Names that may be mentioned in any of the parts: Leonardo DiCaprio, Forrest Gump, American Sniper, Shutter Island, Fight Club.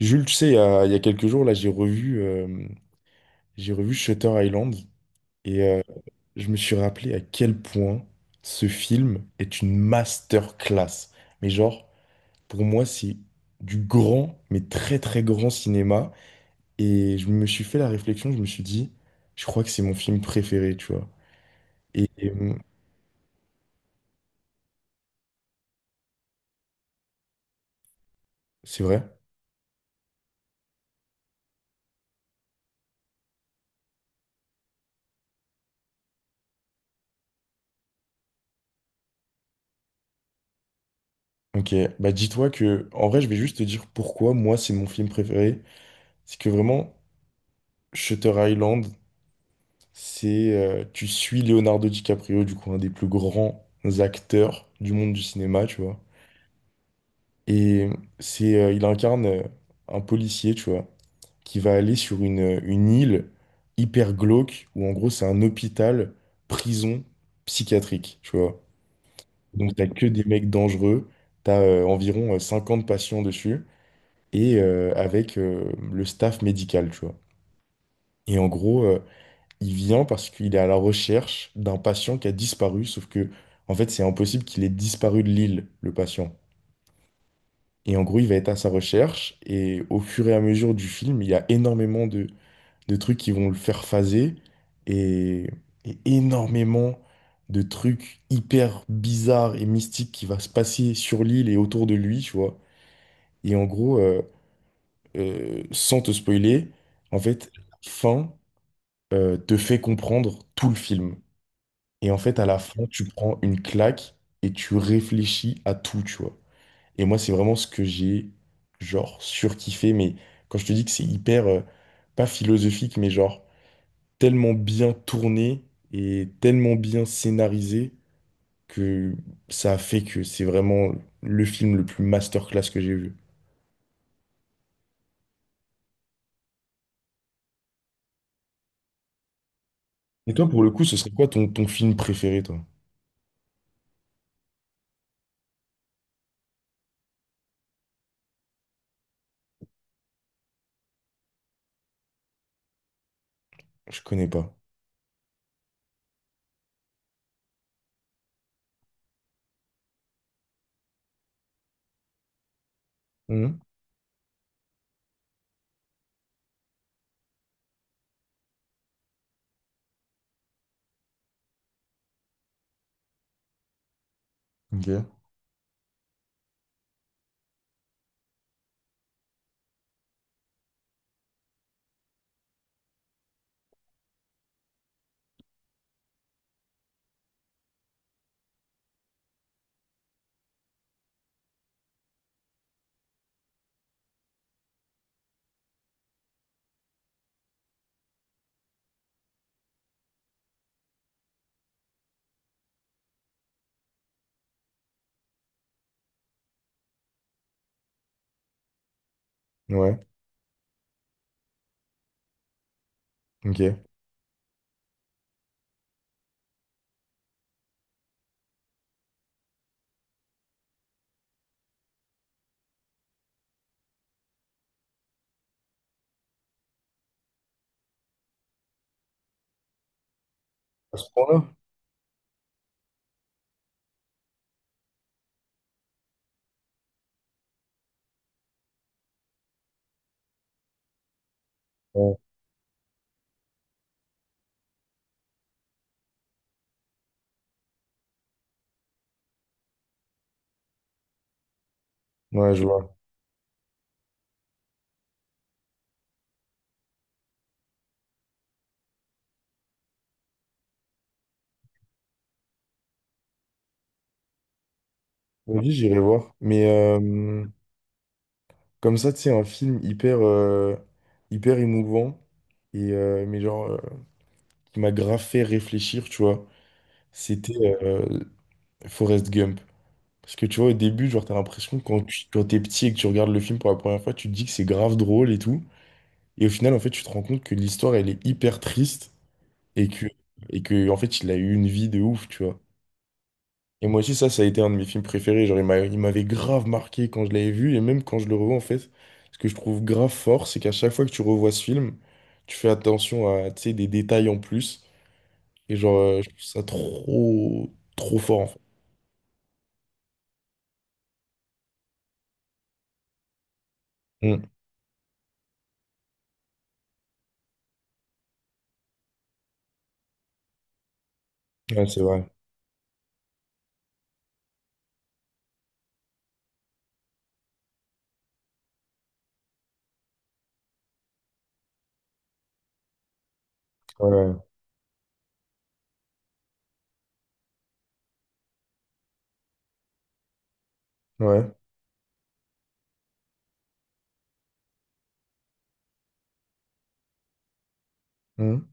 Jules, tu sais, il y a quelques jours, là, j'ai revu Shutter Island et euh, je me suis rappelé à quel point ce film est une masterclass. Mais genre, pour moi, c'est du grand, mais très très grand cinéma. Et je me suis fait la réflexion, je me suis dit, je crois que c'est mon film préféré, tu vois. Et, et, hum, c'est vrai? Ok, bah dis-toi que, en vrai, je vais juste te dire pourquoi moi, c'est mon film préféré. C'est que vraiment, Shutter Island, tu suis Leonardo DiCaprio, du coup, un des plus grands acteurs du monde du cinéma, tu vois. Et il incarne un policier, tu vois, qui va aller sur une île hyper glauque, où en gros, c'est un hôpital, prison psychiatrique, tu vois. Donc, t'as que des mecs dangereux, t'as environ 50 patients dessus, et avec le staff médical, tu vois. Et en gros, Il vient parce qu'il est à la recherche d'un patient qui a disparu, sauf que, en fait, c'est impossible qu'il ait disparu de l'île, le patient. Et en gros, il va être à sa recherche, et au fur et à mesure du film, il y a énormément de trucs qui vont le faire phaser, et, et énormément de trucs hyper bizarres et mystiques qui va se passer sur l'île et autour de lui, tu vois. Et en gros, sans te spoiler, en fait, fin, te fait comprendre tout le film. Et en fait, à la fin, tu prends une claque et tu réfléchis à tout, tu vois. Et moi, c'est vraiment ce que j'ai, genre, surkiffé. Mais quand je te dis que c'est hyper pas philosophique, mais genre, tellement bien tourné et tellement bien scénarisé que ça a fait que c'est vraiment le film le plus masterclass que j'ai vu. Et toi, pour le coup, ce serait quoi ton, ton film préféré, toi? Je connais pas. Mhm. Ok. Ouais. Ok. À ce point-là? Ouais. Ouais, je vois. Vas-y, j'irai voir. Mais comme ça, tu sais, un film hyper hyper émouvant, mais genre qui m'a grave fait réfléchir, tu vois, c'était euh, Forrest Gump. Parce que tu vois, au début, genre, t'as l'impression que quand tu, quand t'es petit et que tu regardes le film pour la première fois, tu te dis que c'est grave drôle et tout. Et au final, en fait, tu te rends compte que l'histoire, elle est hyper triste et que, et que, en fait, il a eu une vie de ouf, tu vois. Et moi aussi, ça a été un de mes films préférés. Genre, il m'avait grave marqué quand je l'avais vu, et même quand je le revois, en fait, ce que je trouve grave fort, c'est qu'à chaque fois que tu revois ce film, tu fais attention à, tu sais, des détails en plus. Et genre je trouve ça trop, trop fort, en fait. Mm. Ouais, c'est vrai. Ouais, ouais. Mm.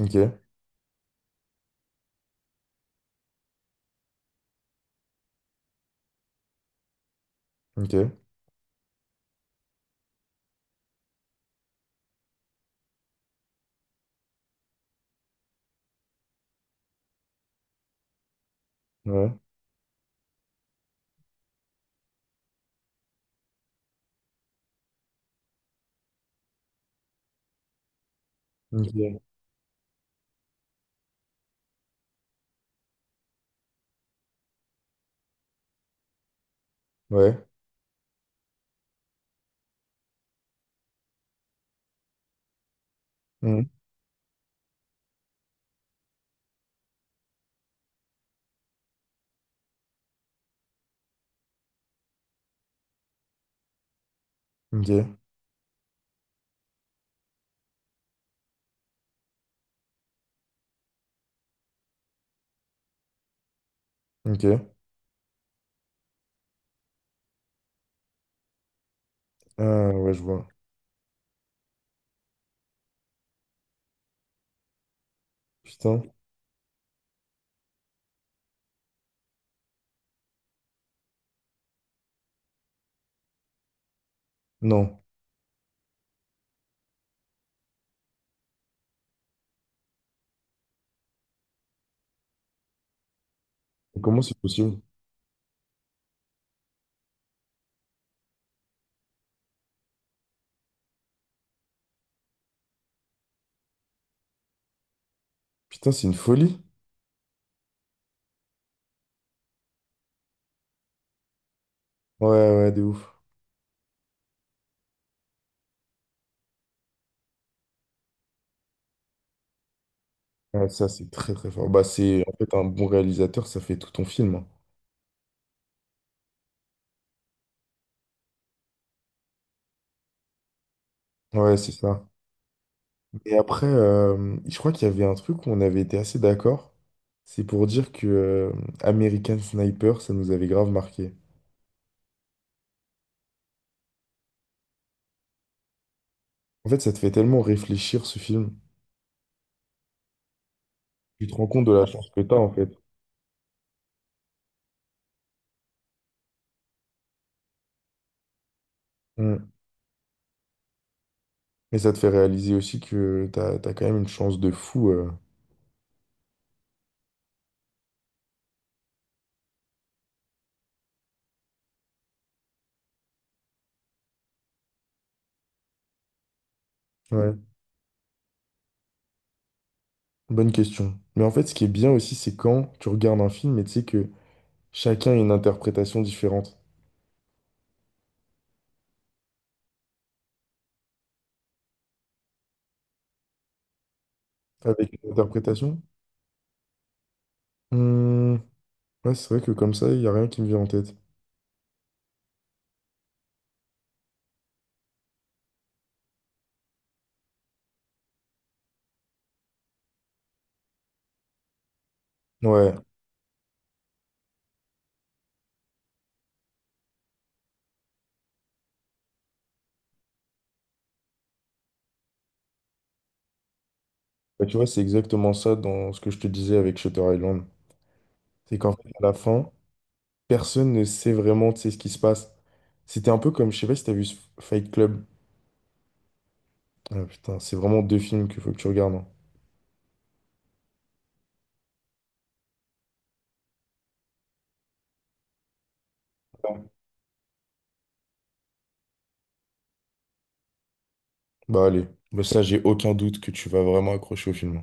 Ok, ok, ouais, ok, ouais, Mm. Ok, ok. Ah, ouais, je vois. Putain, non. Comment c'est possible? Putain, c'est une folie. Ouais, ouais, de ouf. Ouais, ça, c'est très très fort. Bah, c'est en fait un bon réalisateur, ça fait tout ton film, hein. Ouais, c'est ça. Et après, je crois qu'il y avait un truc où on avait été assez d'accord. C'est pour dire que American Sniper, ça nous avait grave marqué. En fait, ça te fait tellement réfléchir ce film. Tu te rends compte de la chance que t'as en fait. Mm. Et ça te fait réaliser aussi que t'as quand même une chance de fou, euh. Ouais, bonne question. Mais en fait, ce qui est bien aussi, c'est quand tu regardes un film et tu sais que chacun a une interprétation différente. Avec une interprétation, Hmm, ouais, c'est vrai que comme ça, il n'y a rien qui me vient en tête. Ouais, Bah, tu vois, c'est exactement ça dans ce que je te disais avec Shutter Island. C'est qu'en fait, à la fin, personne ne sait vraiment, tu sais, ce qui se passe. C'était un peu comme, je sais pas si t'as vu ce Fight Club. Ah, putain, c'est vraiment deux films qu'il faut que tu regardes, hein. Bah allez, Bah, ça, j'ai aucun doute que tu vas vraiment accrocher au film.